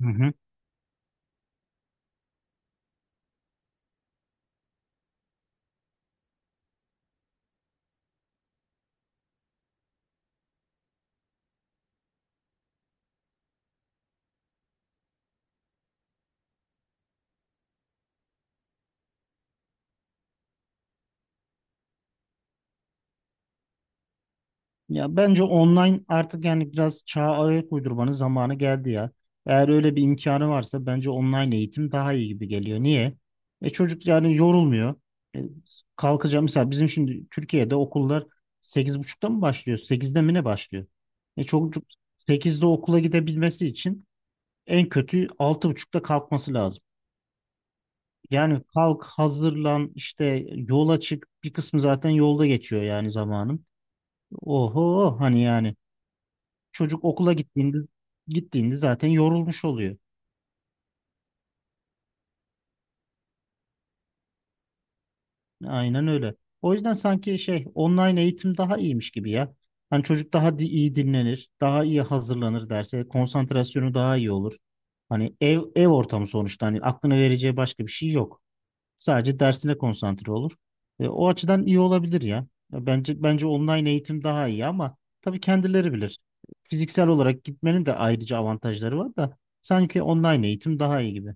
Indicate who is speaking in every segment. Speaker 1: Hı hı. Ya bence online artık biraz çağa ayak uydurmanın zamanı geldi ya. Eğer öyle bir imkanı varsa bence online eğitim daha iyi gibi geliyor. Niye? Çocuk yani yorulmuyor. E, Kalkacağım mesela bizim şimdi Türkiye'de okullar 8.30'da mı başlıyor? Sekizde mi ne başlıyor? Çocuk sekizde okula gidebilmesi için en kötü altı buçukta kalkması lazım. Yani kalk, hazırlan, işte yola çık. Bir kısmı zaten yolda geçiyor yani zamanın. Oho hani yani. Çocuk okula gittiğinde zaten yorulmuş oluyor. Aynen öyle. O yüzden sanki online eğitim daha iyiymiş gibi ya. Hani çocuk iyi dinlenir, daha iyi hazırlanır derse, konsantrasyonu daha iyi olur. Hani ev ortamı sonuçta hani aklına vereceği başka bir şey yok. Sadece dersine konsantre olur. O açıdan iyi olabilir ya. Ya bence online eğitim daha iyi ama tabii kendileri bilir. Fiziksel olarak gitmenin de ayrıca avantajları var da sanki online eğitim daha iyi gibi.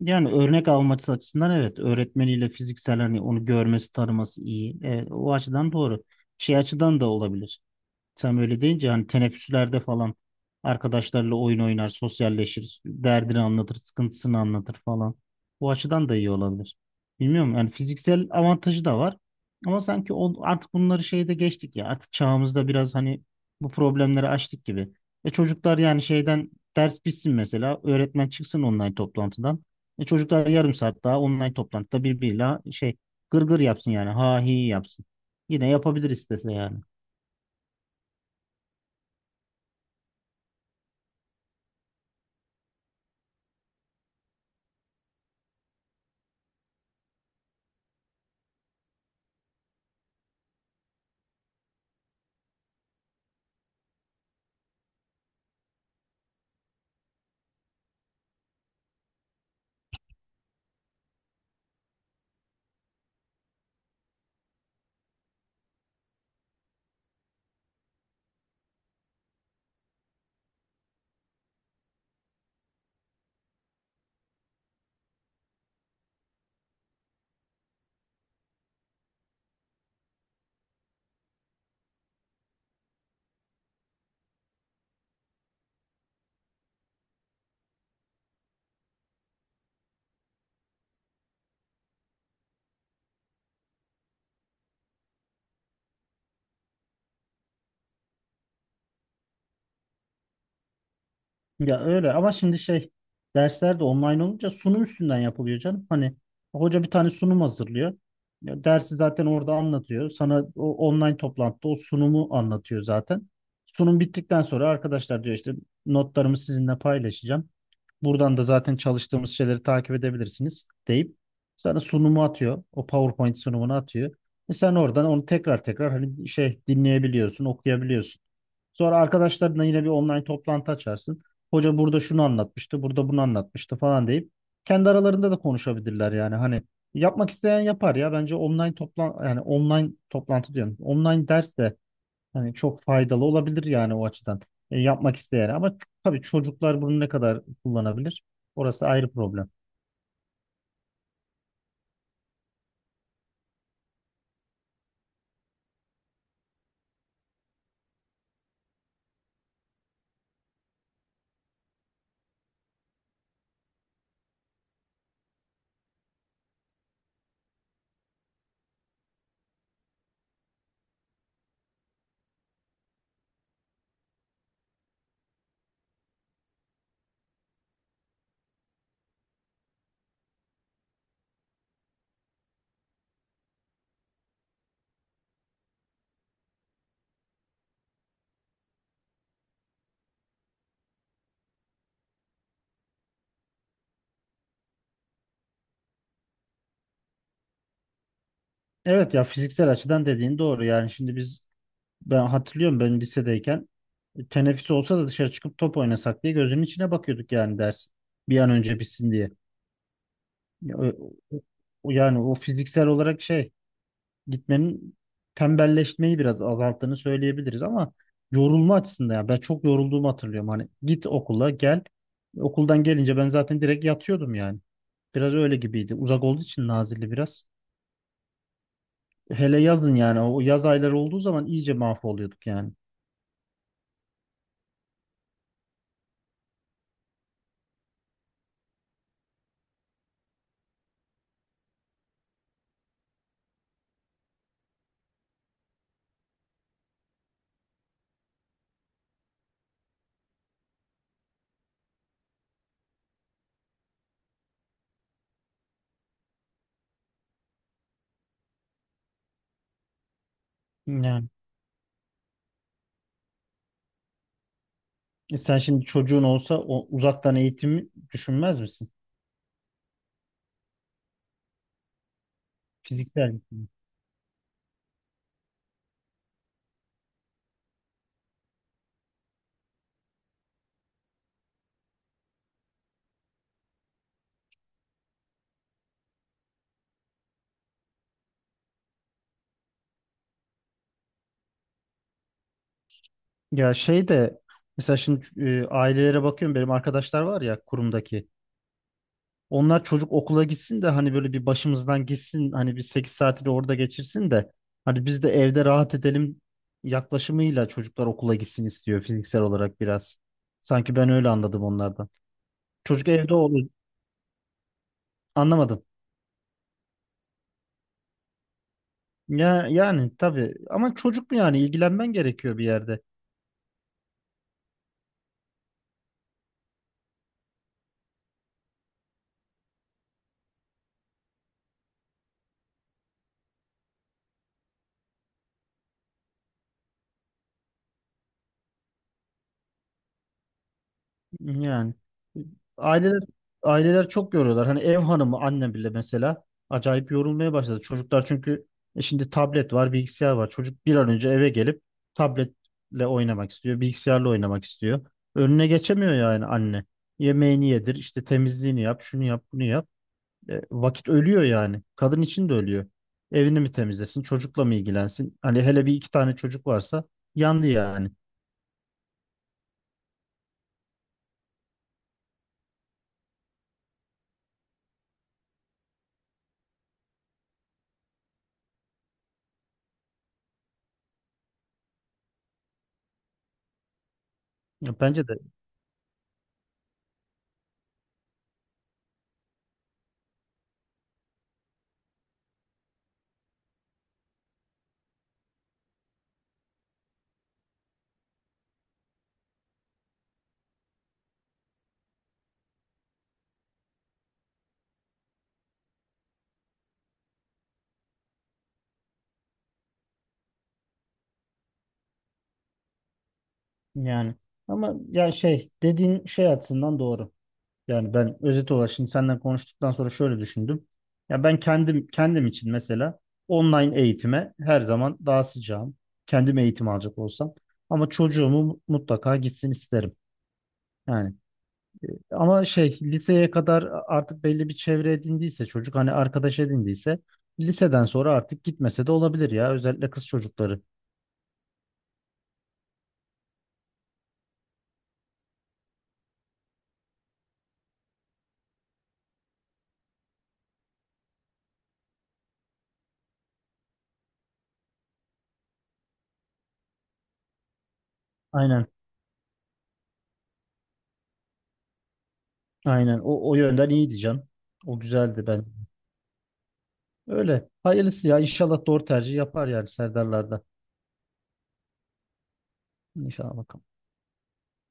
Speaker 1: Yani örnek alması açısından evet öğretmeniyle fiziksel hani onu görmesi tanıması iyi. Evet, o açıdan doğru. Şey açıdan da olabilir. Sen böyle deyince hani teneffüslerde falan arkadaşlarla oyun oynar, sosyalleşir, derdini anlatır, sıkıntısını anlatır falan. Bu açıdan da iyi olabilir. Bilmiyorum yani fiziksel avantajı da var. Ama sanki o, artık bunları şeyde geçtik ya. Artık çağımızda biraz hani bu problemleri açtık gibi. Çocuklar yani ders bitsin mesela. Öğretmen çıksın online toplantıdan. Çocuklar yarım saat daha online toplantıda birbiriyle gırgır yapsın yani. Ha hi yapsın. Yine yapabilir istese yani. Ya öyle ama şimdi dersler de online olunca sunum üstünden yapılıyor canım. Hani hoca bir tane sunum hazırlıyor. Ya dersi zaten orada anlatıyor. Sana o online toplantıda o sunumu anlatıyor zaten. Sunum bittikten sonra arkadaşlar diyor işte notlarımı sizinle paylaşacağım. Buradan da zaten çalıştığımız şeyleri takip edebilirsiniz deyip sana sunumu atıyor. O PowerPoint sunumunu atıyor. Ve sen oradan onu tekrar tekrar hani dinleyebiliyorsun, okuyabiliyorsun. Sonra arkadaşlarınla yine bir online toplantı açarsın hoca burada şunu anlatmıştı, burada bunu anlatmıştı falan deyip kendi aralarında da konuşabilirler yani. Hani yapmak isteyen yapar ya. Bence online toplantı diyorum. Online ders de hani çok faydalı olabilir yani o açıdan. Yapmak isteyen ama tabii çocuklar bunu ne kadar kullanabilir? Orası ayrı problem. Evet ya fiziksel açıdan dediğin doğru. Yani şimdi biz Ben hatırlıyorum ben lisedeyken teneffüs olsa da dışarı çıkıp top oynasak diye gözümün içine bakıyorduk yani ders bir an önce bitsin diye. Ya, o- o- Yani o fiziksel olarak gitmenin tembelleşmeyi biraz azalttığını söyleyebiliriz ama yorulma açısından ya ben çok yorulduğumu hatırlıyorum. Hani git okula gel okuldan gelince ben zaten direkt yatıyordum yani. Biraz öyle gibiydi. Uzak olduğu için Nazilli biraz. Hele yazın yani o yaz ayları olduğu zaman iyice mahvoluyorduk yani. Yani Sen şimdi çocuğun olsa o uzaktan eğitimi düşünmez misin? Fiziksel. Ya şey de Mesela şimdi ailelere bakıyorum benim arkadaşlar var ya kurumdaki. Onlar çocuk okula gitsin de hani böyle bir başımızdan gitsin hani bir sekiz saati de orada geçirsin de hani biz de evde rahat edelim yaklaşımıyla çocuklar okula gitsin istiyor fiziksel olarak biraz. Sanki ben öyle anladım onlardan. Çocuk evde olur anlamadım. Ya yani tabii ama çocuk mu yani ilgilenmen gerekiyor bir yerde. Yani aileler aileler çok yoruyorlar. Hani ev hanımı annem bile mesela acayip yorulmaya başladı. Çocuklar çünkü şimdi tablet var, bilgisayar var. Çocuk bir an önce eve gelip tabletle oynamak istiyor, bilgisayarla oynamak istiyor. Önüne geçemiyor yani anne. Yemeğini yedir, işte temizliğini yap, şunu yap, bunu yap. Vakit ölüyor yani. Kadın için de ölüyor. Evini mi temizlesin, çocukla mı ilgilensin? Hani hele bir iki tane çocuk varsa yandı yani. Ya bence de yani ama ya dediğin şey açısından doğru. Yani ben özet olarak şimdi senden konuştuktan sonra şöyle düşündüm. Ya ben kendim için mesela online eğitime her zaman daha sıcağım. Kendim eğitim alacak olsam. Ama çocuğumu mutlaka gitsin isterim. Yani Ama liseye kadar artık belli bir çevre edindiyse çocuk hani arkadaş edindiyse liseden sonra artık gitmese de olabilir ya özellikle kız çocukları. Aynen. Aynen. O yönden iyi diyeceğim. O güzeldi ben. Öyle. Hayırlısı ya. İnşallah doğru tercih yapar yani Serdarlar'da. İnşallah bakalım.